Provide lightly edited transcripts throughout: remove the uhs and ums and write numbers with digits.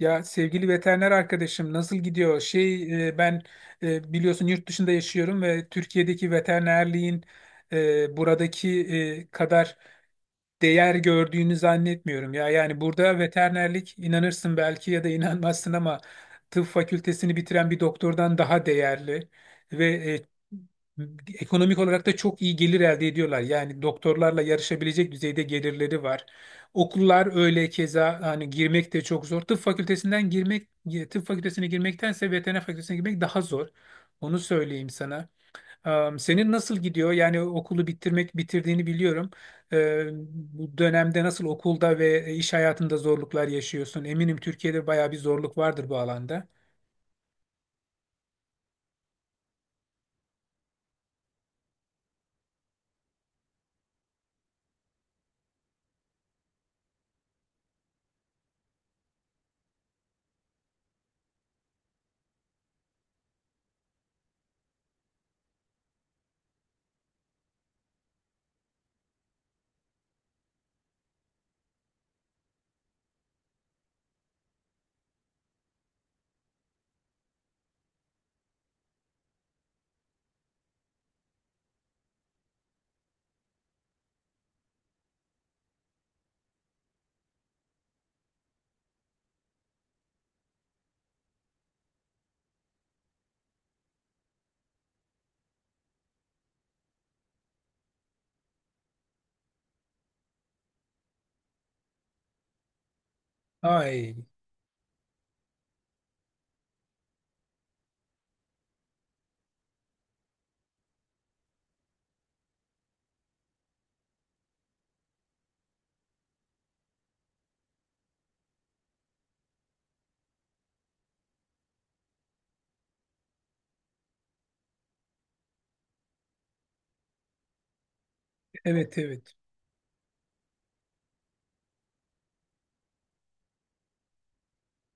Ya sevgili veteriner arkadaşım nasıl gidiyor? Ben biliyorsun yurt dışında yaşıyorum ve Türkiye'deki veterinerliğin buradaki kadar değer gördüğünü zannetmiyorum ya. Yani burada veterinerlik inanırsın belki ya da inanmazsın ama tıp fakültesini bitiren bir doktordan daha değerli ve ekonomik olarak da çok iyi gelir elde ediyorlar. Yani doktorlarla yarışabilecek düzeyde gelirleri var. Okullar öyle, keza hani girmek de çok zor. Tıp fakültesinden girmek, tıp fakültesine girmektense veteriner fakültesine girmek daha zor. Onu söyleyeyim sana. Senin nasıl gidiyor? Yani okulu bitirdiğini biliyorum. Ee, Bu dönemde nasıl okulda ve iş hayatında zorluklar yaşıyorsun? Eminim Türkiye'de bayağı bir zorluk vardır bu alanda. Ay, evet, evet.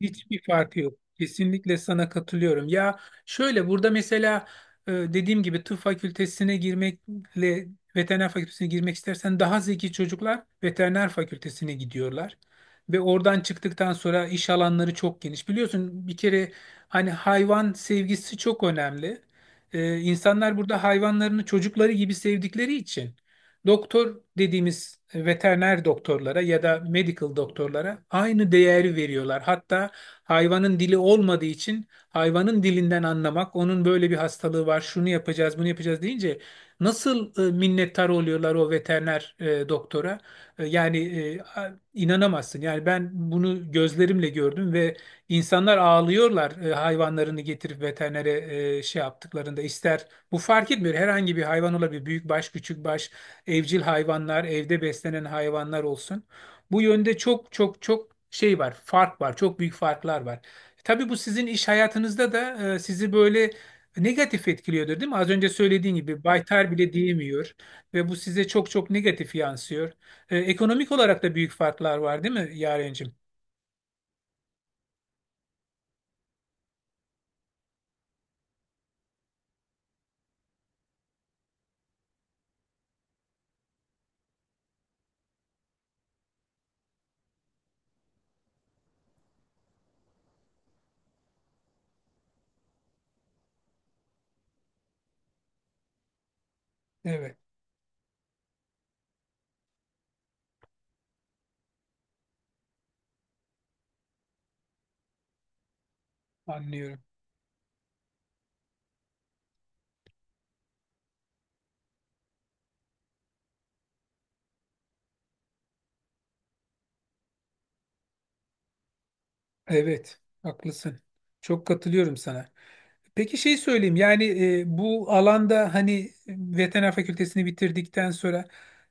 Hiçbir farkı yok. Kesinlikle sana katılıyorum. Ya şöyle burada mesela dediğim gibi tıp fakültesine girmekle veteriner fakültesine girmek istersen daha zeki çocuklar veteriner fakültesine gidiyorlar. Ve oradan çıktıktan sonra iş alanları çok geniş. Biliyorsun bir kere hani hayvan sevgisi çok önemli. E, insanlar burada hayvanlarını çocukları gibi sevdikleri için doktor dediğimiz veteriner doktorlara ya da medical doktorlara aynı değeri veriyorlar. Hatta hayvanın dili olmadığı için hayvanın dilinden anlamak, onun böyle bir hastalığı var, şunu yapacağız, bunu yapacağız deyince nasıl minnettar oluyorlar o veteriner doktora? Yani inanamazsın. Yani ben bunu gözlerimle gördüm ve insanlar ağlıyorlar hayvanlarını getirip veterinere şey yaptıklarında. İster bu fark etmiyor. Herhangi bir hayvan olabilir. Büyük baş, küçük baş, evcil hayvanlar, evde beslenen hayvanlar olsun. Bu yönde çok çok çok şey var, fark var, çok büyük farklar var. Tabii bu sizin iş hayatınızda da sizi böyle negatif etkiliyordur, değil mi? Az önce söylediğin gibi baytar bile diyemiyor ve bu size çok çok negatif yansıyor. Ekonomik olarak da büyük farklar var, değil mi Yarencim? Evet, anlıyorum. Evet, haklısın. Çok katılıyorum sana. Peki şey söyleyeyim yani bu alanda hani veteriner fakültesini bitirdikten sonra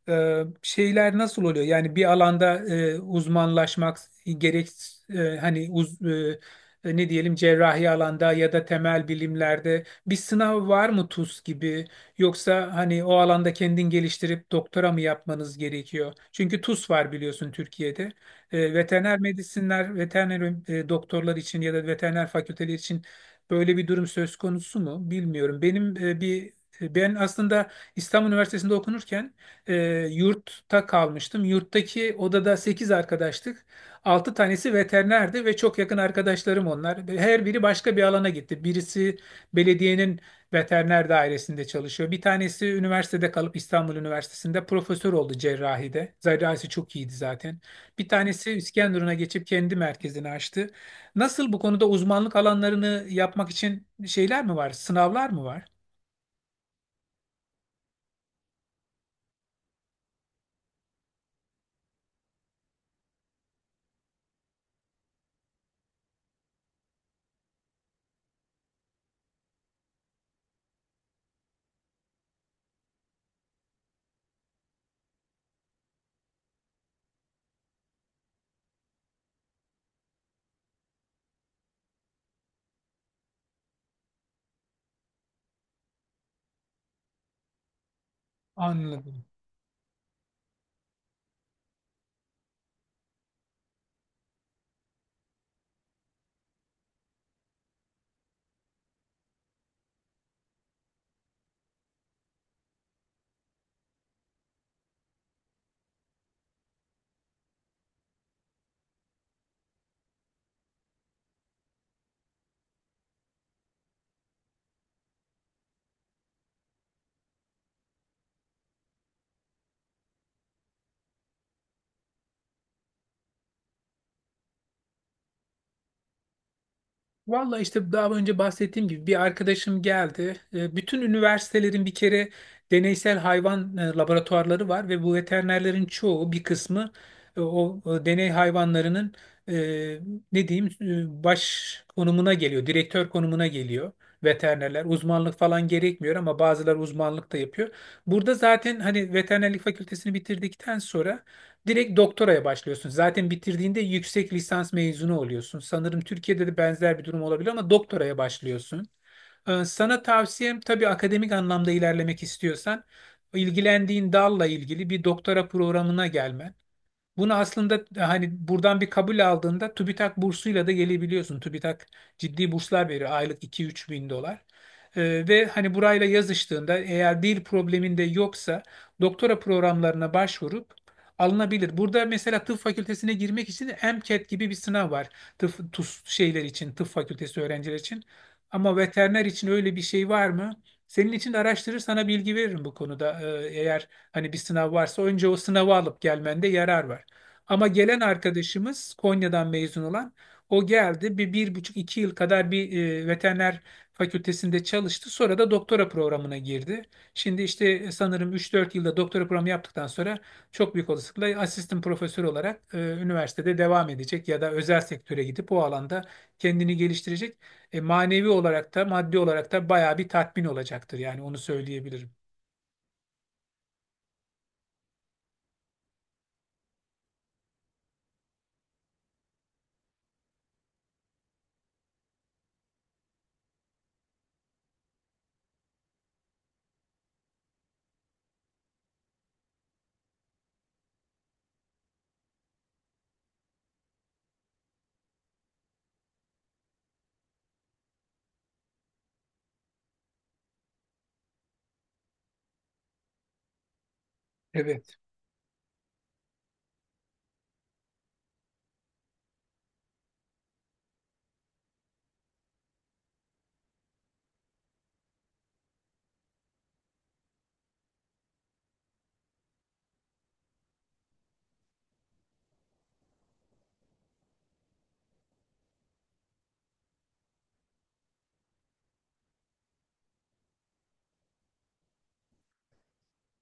şeyler nasıl oluyor? Yani bir alanda uzmanlaşmak gerek, e, hani uz, e, ne diyelim, cerrahi alanda ya da temel bilimlerde bir sınav var mı TUS gibi, yoksa hani o alanda kendin geliştirip doktora mı yapmanız gerekiyor? Çünkü TUS var biliyorsun Türkiye'de. Veteriner medisinler, veteriner doktorlar için ya da veteriner fakülteleri için böyle bir durum söz konusu mu bilmiyorum. Benim ben aslında İstanbul Üniversitesi'nde okunurken e, yurtta kalmıştım. Yurttaki odada 8 arkadaştık. 6 tanesi veterinerdi ve çok yakın arkadaşlarım onlar. Her biri başka bir alana gitti. Birisi belediyenin veteriner dairesinde çalışıyor. Bir tanesi üniversitede kalıp İstanbul Üniversitesi'nde profesör oldu cerrahide. Cerrahisi çok iyiydi zaten. Bir tanesi İskenderun'a geçip kendi merkezini açtı. Nasıl bu konuda uzmanlık alanlarını yapmak için şeyler mi var, sınavlar mı var? Anladım. Valla işte daha önce bahsettiğim gibi bir arkadaşım geldi. Bütün üniversitelerin bir kere deneysel hayvan laboratuvarları var ve bu veterinerlerin çoğu, bir kısmı deney hayvanlarının e, ne diyeyim, baş konumuna geliyor, direktör konumuna geliyor veterinerler. Uzmanlık falan gerekmiyor ama bazıları uzmanlık da yapıyor. Burada zaten hani veterinerlik fakültesini bitirdikten sonra direkt doktoraya başlıyorsun. Zaten bitirdiğinde yüksek lisans mezunu oluyorsun. Sanırım Türkiye'de de benzer bir durum olabilir ama doktoraya başlıyorsun. Sana tavsiyem, tabii akademik anlamda ilerlemek istiyorsan, ilgilendiğin dalla ilgili bir doktora programına gelmen. Bunu aslında hani buradan bir kabul aldığında TÜBİTAK bursuyla da gelebiliyorsun. TÜBİTAK ciddi burslar veriyor, aylık iki üç bin dolar. Ve hani burayla yazıştığında eğer dil probleminde yoksa doktora programlarına başvurup alınabilir. Burada mesela tıp fakültesine girmek için MCAT gibi bir sınav var. Tıp, TUS şeyler için, tıp fakültesi öğrenciler için. Ama veteriner için öyle bir şey var mı? Senin için de araştırır sana bilgi veririm bu konuda. Eğer hani bir sınav varsa önce o sınavı alıp gelmende yarar var. Ama gelen arkadaşımız Konya'dan mezun olan, o geldi bir, bir buçuk iki yıl kadar bir veteriner fakültesinde çalıştı. Sonra da doktora programına girdi. Şimdi işte sanırım üç dört yılda doktora programı yaptıktan sonra çok büyük olasılıkla asistan profesör olarak üniversitede devam edecek ya da özel sektöre gidip o alanda kendini geliştirecek. Manevi olarak da maddi olarak da bayağı bir tatmin olacaktır, yani onu söyleyebilirim. Evet.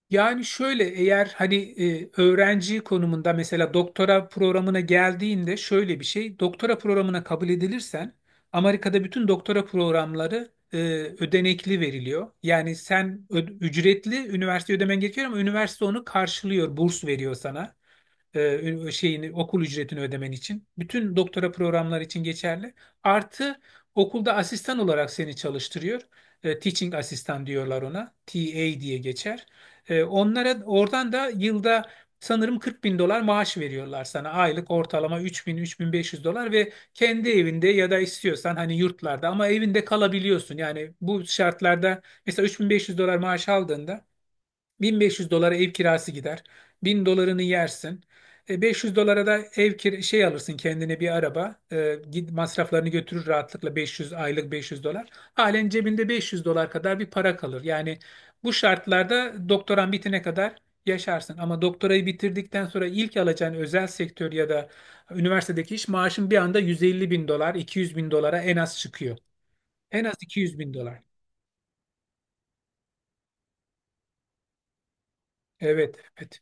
Yani şöyle, eğer hani öğrenci konumunda mesela doktora programına geldiğinde, şöyle bir şey, doktora programına kabul edilirsen Amerika'da bütün doktora programları ödenekli veriliyor. Yani sen ücretli üniversite ödemen gerekiyor ama üniversite onu karşılıyor, burs veriyor sana şeyini, okul ücretini ödemen için. Bütün doktora programları için geçerli. Artı okulda asistan olarak seni çalıştırıyor. Teaching asistan diyorlar ona. TA diye geçer. Onlara oradan da yılda sanırım 40 bin dolar maaş veriyorlar sana. Aylık ortalama 3000 3500 dolar ve kendi evinde ya da istiyorsan hani yurtlarda, ama evinde kalabiliyorsun. Yani bu şartlarda mesela 3500 dolar maaş aldığında 1500 dolara ev kirası gider. 1000 dolarını yersin. 500 dolara da ev şey alırsın, kendine bir araba. Git masraflarını götürür rahatlıkla 500, aylık 500 dolar. Halen cebinde 500 dolar kadar bir para kalır. Yani bu şartlarda doktoran bitene kadar yaşarsın. Ama doktorayı bitirdikten sonra ilk alacağın özel sektör ya da üniversitedeki iş maaşın bir anda 150 bin dolar, 200 bin dolara en az çıkıyor. En az 200 bin dolar. Evet, evet.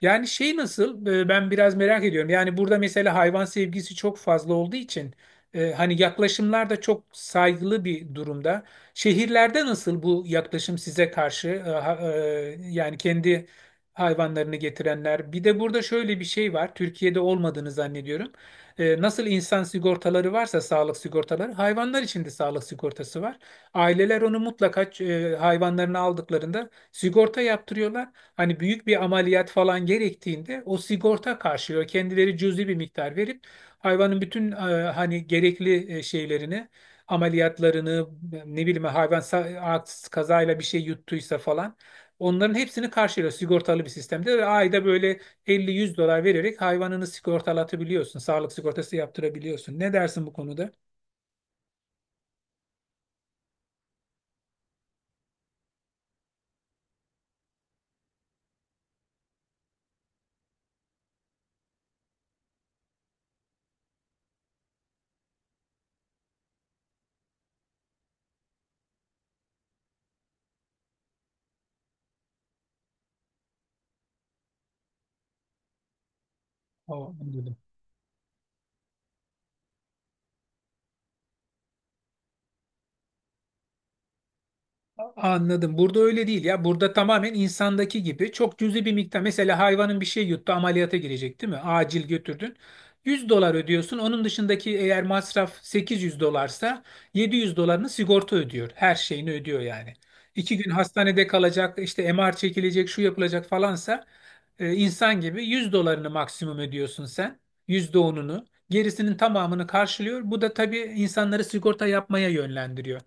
Yani şey nasıl? Ben biraz merak ediyorum. Yani burada mesela hayvan sevgisi çok fazla olduğu için hani yaklaşımlar da çok saygılı bir durumda. Şehirlerde nasıl bu yaklaşım size karşı? Yani kendi hayvanlarını getirenler. Bir de burada şöyle bir şey var. Türkiye'de olmadığını zannediyorum. Nasıl insan sigortaları varsa, sağlık sigortaları, hayvanlar için de sağlık sigortası var. Aileler onu mutlaka hayvanlarını aldıklarında sigorta yaptırıyorlar. Hani büyük bir ameliyat falan gerektiğinde o sigorta karşılıyor. Kendileri cüzi bir miktar verip hayvanın bütün hani gerekli şeylerini, ameliyatlarını, ne bileyim hayvan kazayla bir şey yuttuysa falan, onların hepsini karşılıyor sigortalı bir sistemde, ve ayda böyle 50-100 dolar vererek hayvanını sigortalatabiliyorsun. Sağlık sigortası yaptırabiliyorsun. Ne dersin bu konuda? Aa, anladım. Anladım. Burada öyle değil ya. Burada tamamen insandaki gibi çok cüzi bir miktar. Mesela hayvanın bir şey yuttu, ameliyata girecek değil mi? Acil götürdün. 100 dolar ödüyorsun. Onun dışındaki eğer masraf 800 dolarsa 700 dolarını sigorta ödüyor. Her şeyini ödüyor yani. İki gün hastanede kalacak, işte MR çekilecek, şu yapılacak falansa insan gibi 100 dolarını maksimum ödüyorsun sen. Yüzde onunu. Gerisinin tamamını karşılıyor. Bu da tabii insanları sigorta yapmaya yönlendiriyor.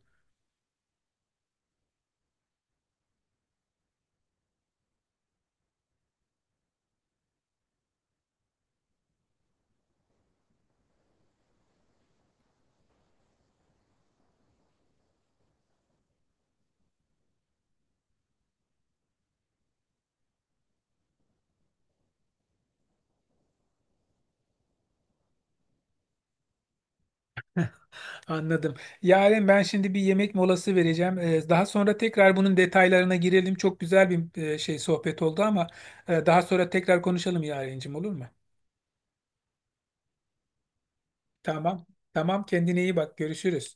Anladım. Yaren, ben şimdi bir yemek molası vereceğim. Daha sonra tekrar bunun detaylarına girelim. Çok güzel bir şey, sohbet oldu ama daha sonra tekrar konuşalım Yarencim, olur mu? Tamam. Tamam, kendine iyi bak. Görüşürüz.